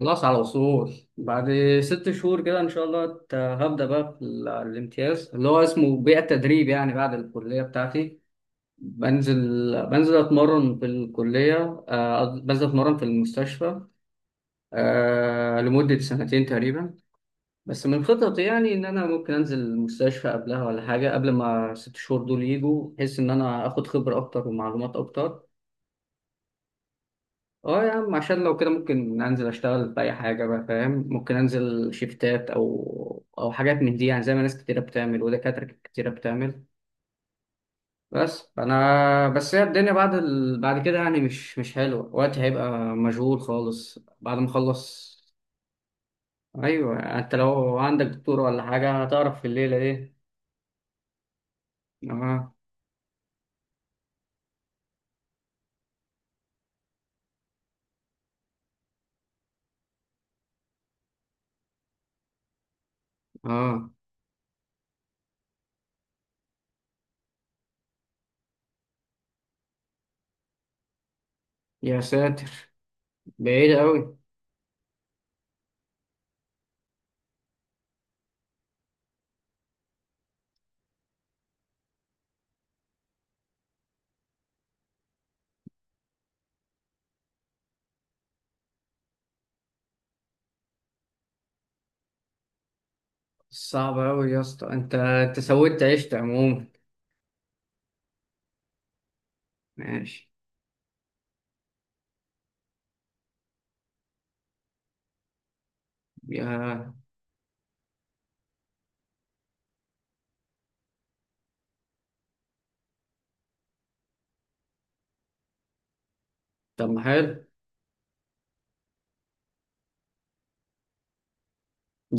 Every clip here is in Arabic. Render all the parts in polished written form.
خلاص على وصول بعد 6 شهور كده، ان شاء الله هبدا بقى في الامتياز اللي هو اسمه بيئه تدريب، يعني بعد الكليه بتاعتي. بنزل بنزل اتمرن في الكليه، بنزل اتمرن في المستشفى، لمده سنتين تقريبا. بس من خططي يعني ان انا ممكن انزل المستشفى قبلها ولا حاجه قبل ما 6 شهور دول يجوا، بحيث ان انا اخد خبره اكتر ومعلومات اكتر. اه يا عم، عشان لو كده ممكن انزل اشتغل في اي حاجه بقى، فاهم؟ ممكن انزل شيفتات او حاجات من دي، يعني زي ما ناس كتيره بتعمل ودكاتره كتيره بتعمل. بس انا، بس هي الدنيا بعد كده يعني مش حلوه، وقتي هيبقى مشغول خالص بعد ما اخلص. ايوه، انت لو عندك دكتور ولا حاجه هتعرف في الليله ايه. اه. اه. يا ساتر. بعيد قوي. صعب قوي يا اسطى. انت عشت عموما. ماشي. يا. طب ما حلو.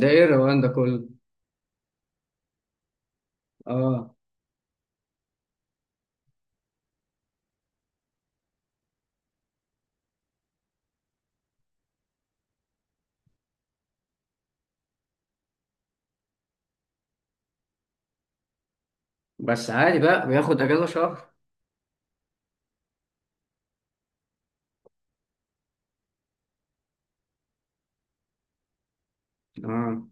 ده ايه الروقان ده كله؟ اه. بس عادي بقى بياخد اجازه شهر. اه.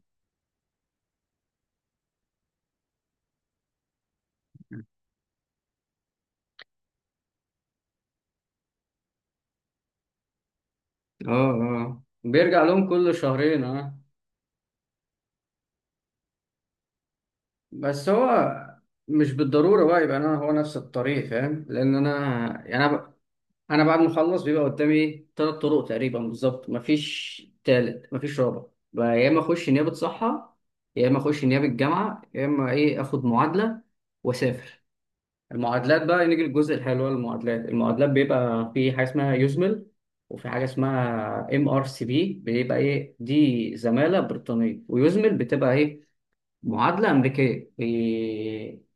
اه. اه، بيرجع لهم كل شهرين. اه. بس هو مش بالضروره بقى يبقى انا هو نفس الطريق، فاهم؟ لان انا، يعني انا بعد ما اخلص بيبقى قدامي ثلاث طرق تقريبا بالظبط، مفيش تالت مفيش رابع. بقى يا اما اخش نيابه صحه، يا اما اخش نيابه جامعه، يا اما ايه اخد معادله واسافر. المعادلات بقى، نيجي للجزء الحلو. المعادلات بيبقى في حاجه اسمها يوزمل، وفي حاجه اسمها MRCP، بيبقى ايه دي؟ زماله بريطانيه، ويوزمل بتبقى ايه؟ معادله امريكيه. إيه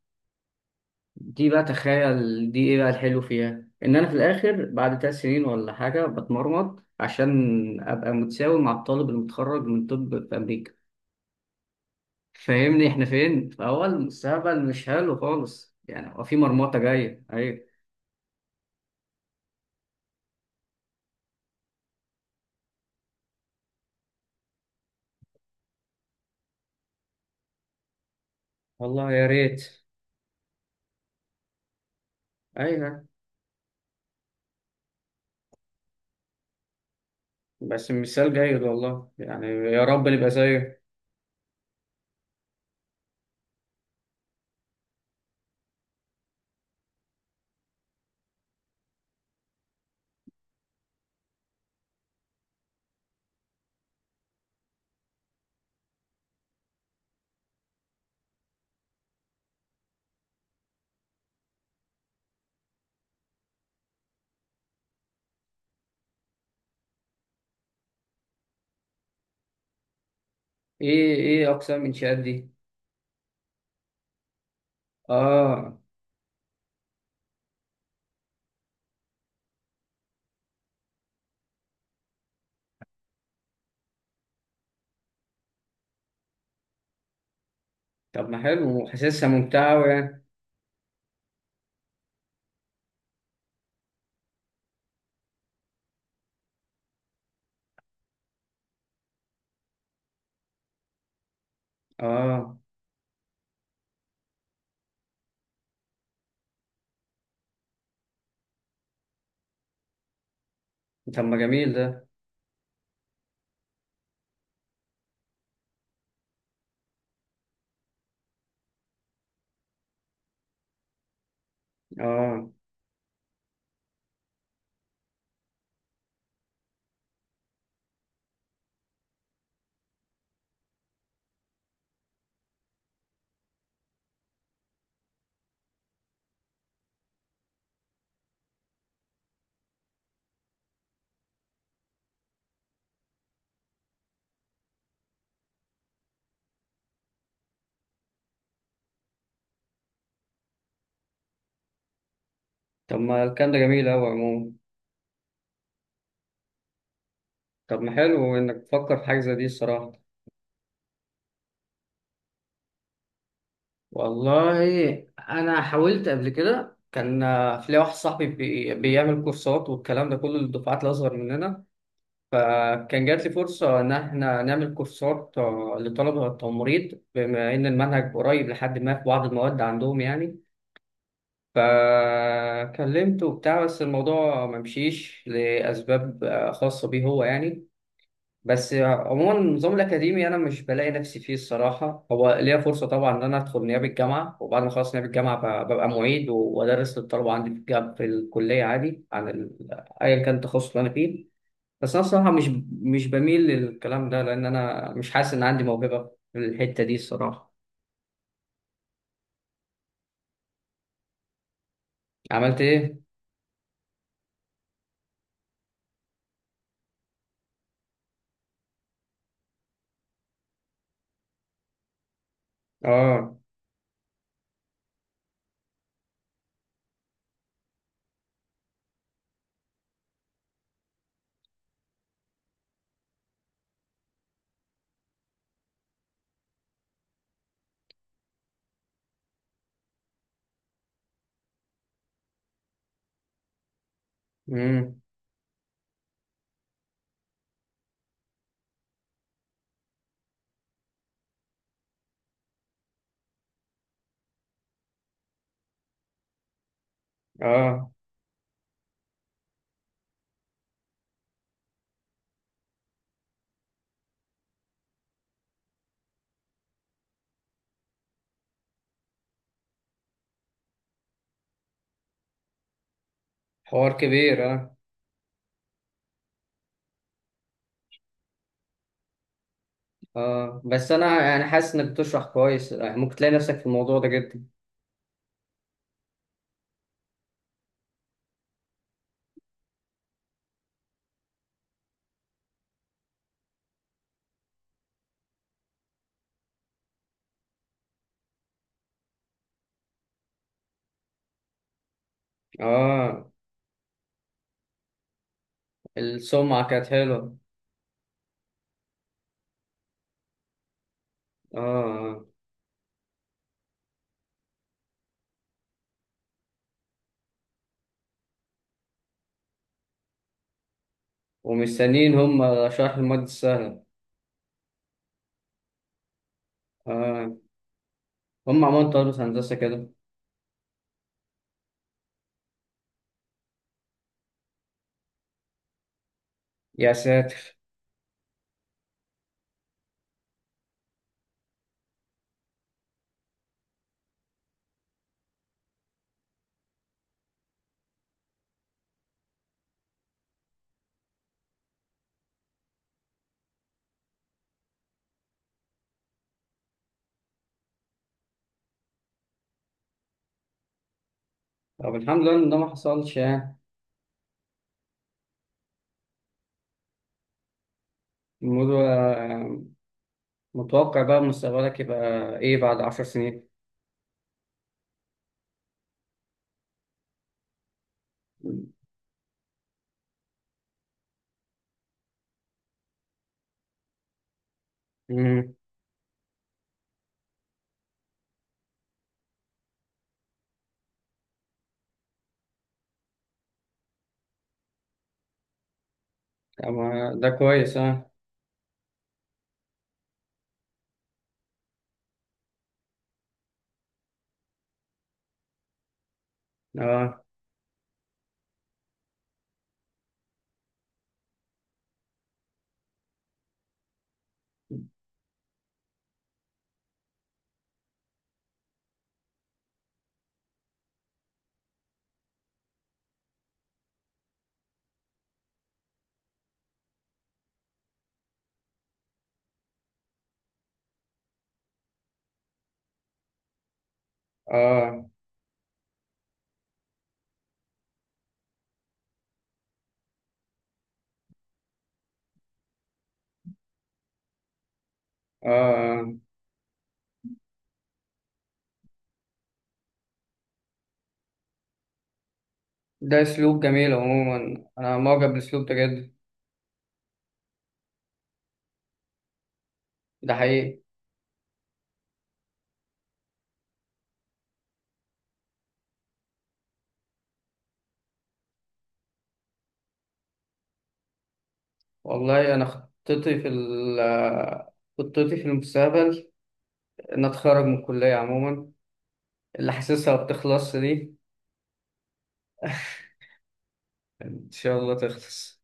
دي بقى، تخيل دي ايه بقى الحلو فيها. ان انا في الاخر بعد 3 سنين ولا حاجه بتمرمط عشان ابقى متساوي مع الطالب المتخرج من طب في امريكا. فاهمني احنا فين؟ فهو المستقبل مش حلو خالص، يعني هو في مرمطه جايه، ايوه. والله يا ريت. ايوه، بس مثال جيد والله، يعني يا رب نبقى زيه. ايه ايه اقسام الانشاءات دي؟ اه. طب ما حلو وحاسسها ممتعه أوي يعني. اه. طب ما جميل ده. اه. طب ما الكلام ده جميل قوي عموما. طب ما حلو انك تفكر في حاجه زي دي الصراحه. والله انا حاولت قبل كده، كان في ليا واحد صاحبي بيعمل كورسات والكلام ده كله للدفعات الاصغر مننا. فكان جات لي فرصة إن إحنا نعمل كورسات، لطلبة التمريض بما إن المنهج قريب لحد ما في بعض المواد عندهم يعني. فكلمته وبتاع، بس الموضوع ما مشيش لأسباب خاصة بيه هو يعني. بس عموما النظام الأكاديمي أنا مش بلاقي نفسي فيه الصراحة. هو ليا فرصة طبعا إن أنا أدخل نيابة الجامعة، وبعد ما أخلص نيابة الجامعة ببقى معيد وأدرس للطلبة عندي في الكلية عادي عن ال-، أيا كان التخصص اللي أنا فيه. بس انا الصراحه مش بميل للكلام ده، لان انا مش حاسس ان عندي موهبه في الحته دي الصراحه. عملت ايه؟ اه. امم. اه. حوار كبير اه. اه، بس انا يعني حاسس انك بتشرح كويس، يعني ممكن تلاقي نفسك في الموضوع ده جدا. اه. السمعه كانت حلوه. اه. آه. ومستنيين هم شرح المواد السهله. اه. هم عملوا طلبة هندسه كده. يا ساتر. طب الحمد لله ان ده ما حصلش يعني. الموضوع متوقع بقى، مستقبلك يبقى ايه بعد 10 سنين؟ امم. أما ده كويس اه. اه. اه. اه. ده اسلوب جميل عموما، انا معجب بالاسلوب ده جدا. ده حقيقي. والله انا خطتي في خطتي في المستقبل ان اتخرج من الكلية عموما، اللي حاسسها بتخلص دي. ان شاء الله تخلص.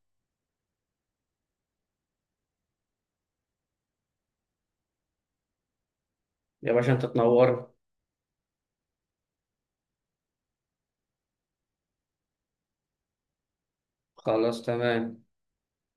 يا باشا انت تنور. خلاص تمام.